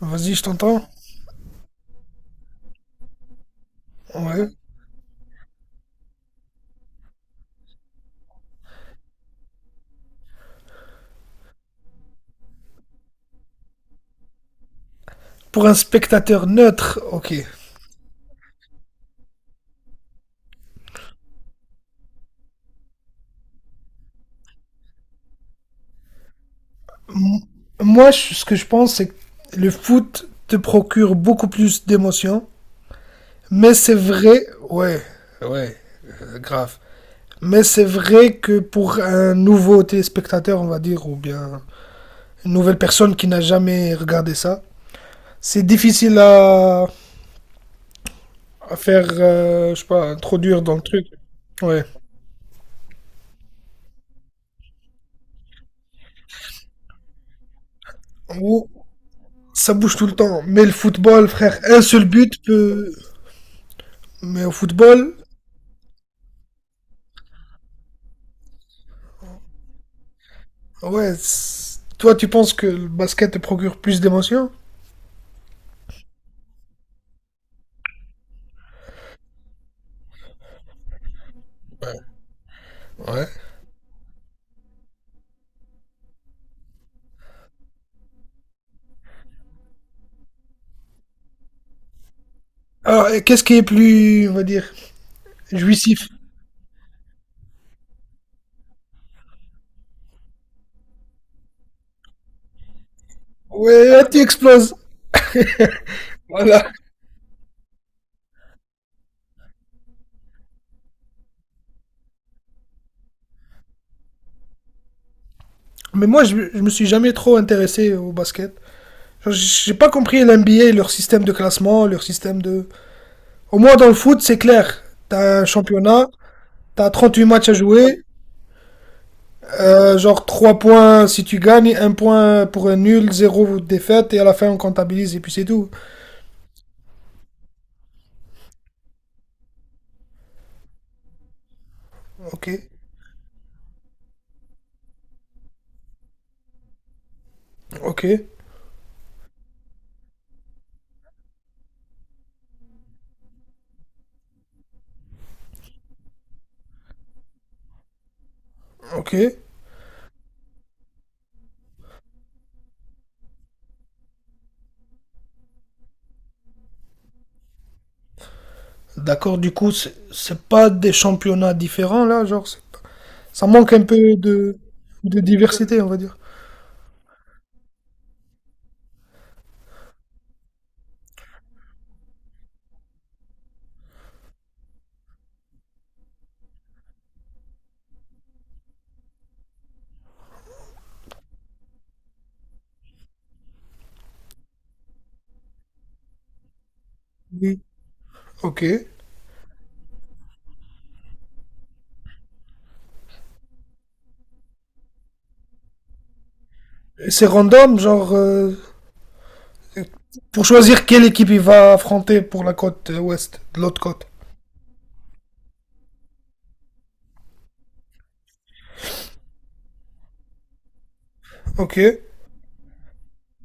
Vas-y, je t'entends. Ouais. Pour un spectateur neutre, ok. M- Moi, ce que je pense, c'est que le foot te procure beaucoup plus d'émotions. Mais c'est vrai, ouais, ouais, grave. Mais c'est vrai que pour un nouveau téléspectateur, on va dire, ou bien une nouvelle personne qui n'a jamais regardé ça, c'est difficile à faire, je sais pas, introduire dans le truc. Ouais. Ou ça bouge tout le temps. Mais le football, frère, un seul but peut, mais au football, ouais, toi, tu penses que le basket te procure plus d'émotions? Ouais. Alors, et qu'est-ce qui est plus, on va dire, jouissif? Ouais, là, tu exploses. Voilà. Mais moi, je me suis jamais trop intéressé au basket. Genre, j'ai pas compris l'NBA, leur système de classement, leur système de. Au moins dans le foot, c'est clair. T'as un championnat, t'as 38 matchs à jouer, genre 3 points si tu gagnes, 1 point pour un nul, 0 défaite, et à la fin on comptabilise et puis c'est tout. Ok, ok. Ok, d'accord. Du coup, c'est pas des championnats différents là, genre, ça manque un peu de, diversité, on va dire. Oui. Ok. Et c'est random, genre, pour choisir quelle équipe il va affronter pour la côte ouest, de l'autre côte. Ok.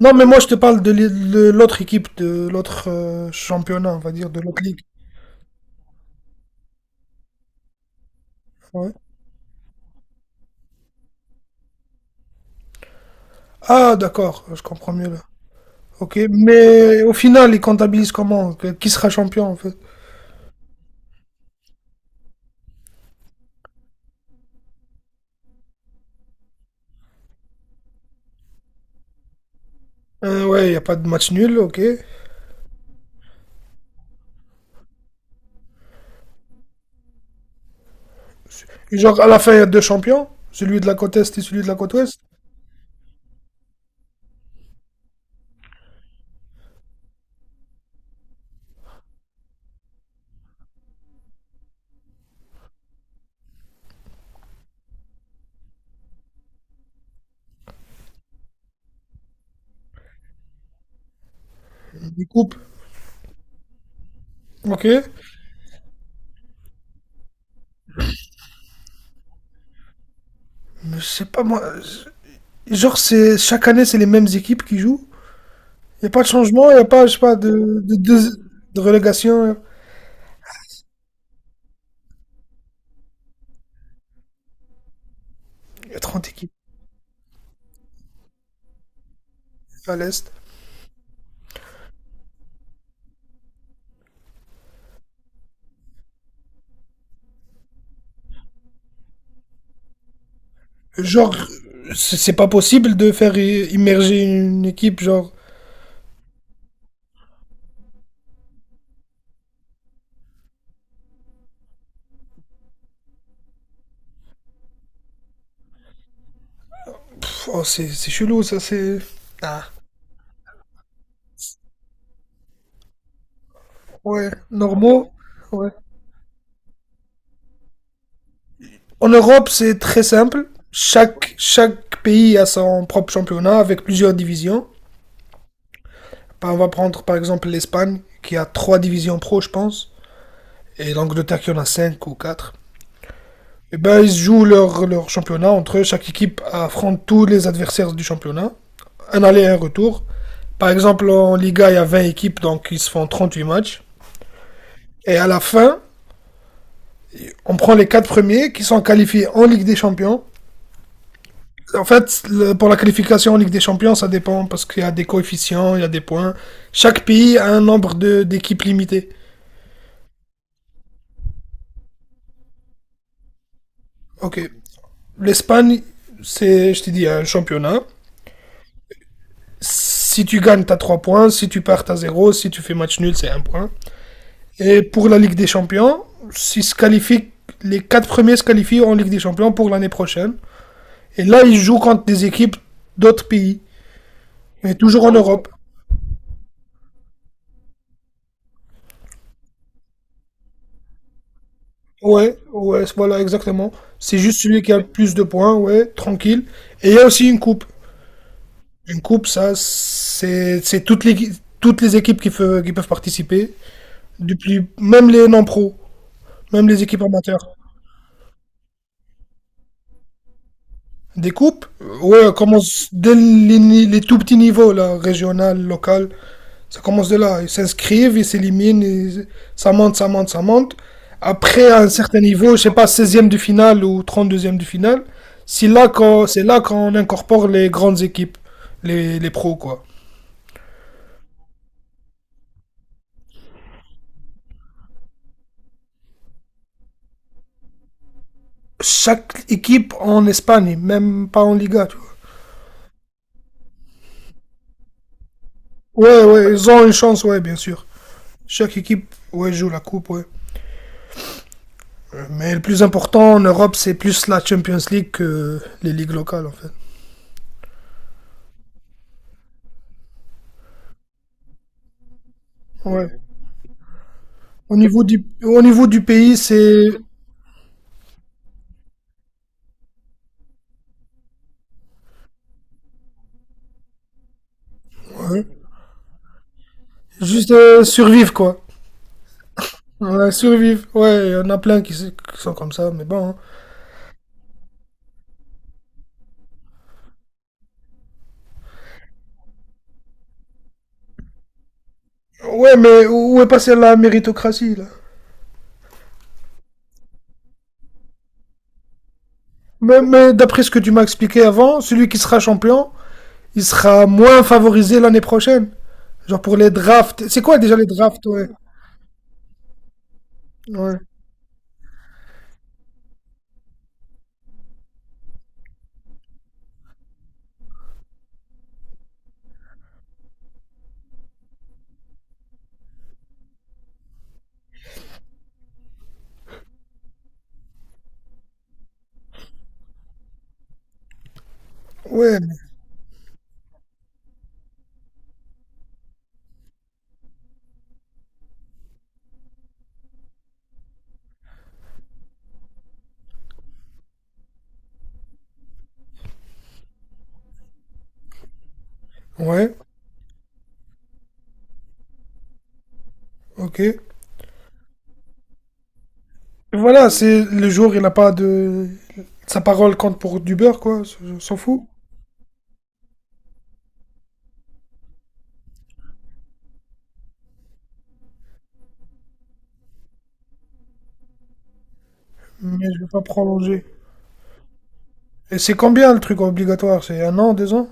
Non, mais moi je te parle de de l'autre équipe, de l'autre championnat, on va dire, de l'autre ligue. Ouais. Ah, d'accord, je comprends mieux là. Ok, mais au final, ils comptabilisent comment? Qui sera champion en fait? Ouais, il n'y a pas de match nul, ok. Et genre, à la fin, il y a deux champions, celui de la côte Est et celui de la côte Ouest. Ils coupent, ok. Mais je sais pas, moi. Genre, c'est, chaque année, c'est les mêmes équipes qui jouent. Il n'y a pas de changement, il n'y a pas, je sais pas, de, de- de relégation. Il y a 30 équipes à l'Est. Genre, c'est pas possible de faire immerger une équipe, genre. Pff, oh, c'est chelou, ça, c'est. Ah. Ouais, normaux. Ouais. En Europe, c'est très simple. Chaque pays a son propre championnat avec plusieurs divisions. Bah, on va prendre par exemple l'Espagne, qui a trois divisions pro, je pense, et l'Angleterre qui en a cinq ou quatre. Et ben, ils jouent leur championnat entre eux. Chaque équipe affronte tous les adversaires du championnat. Un aller et un retour. Par exemple, en Liga, il y a 20 équipes, donc ils se font huit matchs. Et à la fin, on prend les quatre premiers qui sont qualifiés en Ligue des Champions. En fait, pour la qualification en Ligue des Champions, ça dépend parce qu'il y a des coefficients, il y a des points. Chaque pays a un nombre d'équipes limité. Ok. L'Espagne, c'est, je te dis, un championnat. Si tu gagnes, t'as 3 points. Si tu perds, t'as zéro. Si tu fais match nul, c'est 1 point. Et pour la Ligue des Champions, si se qualifient, les 4 premiers se qualifient en Ligue des Champions pour l'année prochaine. Et là, ils jouent contre des équipes d'autres pays, mais toujours en Europe. Ouais, ouais, voilà, exactement. C'est juste celui qui a le plus de points, ouais, tranquille. Et il y a aussi une coupe. Une coupe, ça, c'est toutes les, équipes qui peuvent participer, depuis, même les non-pros. Même les équipes amateurs. Des coupes, ouais, commence dès les, ni- les tout petits niveaux, là, régional, local. Ça commence de là. Ils s'inscrivent, ils s'éliminent, et ça monte, ça monte, ça monte. Après, à un certain niveau, je sais pas, 16e de finale ou 32e de finale, c'est là qu'on incorpore les grandes équipes, les pros, quoi. Chaque équipe en Espagne, même pas en Liga, tu vois. Ouais, ouais, ils ont une chance, ouais, bien sûr. Chaque équipe, ouais, joue la coupe, ouais. Mais le plus important en Europe, c'est plus la Champions League que les ligues locales, en fait. Ouais. Au niveau du pays, c'est ouais, juste survivre, quoi. Ouais, survivre. Ouais, il y en a plein qui sont comme ça, mais bon, hein. Ouais, mais où est passée la méritocratie, là? Mais d'après ce que tu m'as expliqué avant, celui qui sera champion, il sera moins favorisé l'année prochaine. Genre pour les drafts. C'est quoi déjà les drafts, ouais? Ouais. Ouais, ouais, ok. Voilà, c'est le jour, il n'a pas de. Sa parole compte pour du beurre, quoi. On s'en fout. Mais je vais pas prolonger. Et c'est combien le truc obligatoire? C'est 1 an, 2 ans?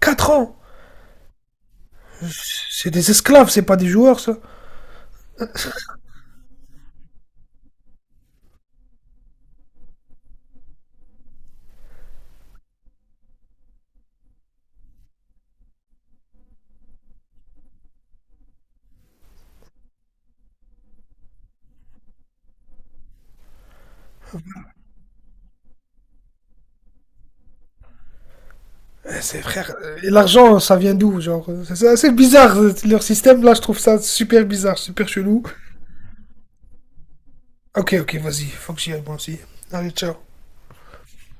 4 ans. C'est des esclaves, c'est pas des joueurs, ça. Eh, c'est frère. Et l'argent, ça vient d'où? Genre, c'est assez bizarre leur système. Là, je trouve ça super bizarre, super chelou. Ok, ok, vas-y, faut que j'y aille moi aussi. Allez, ciao.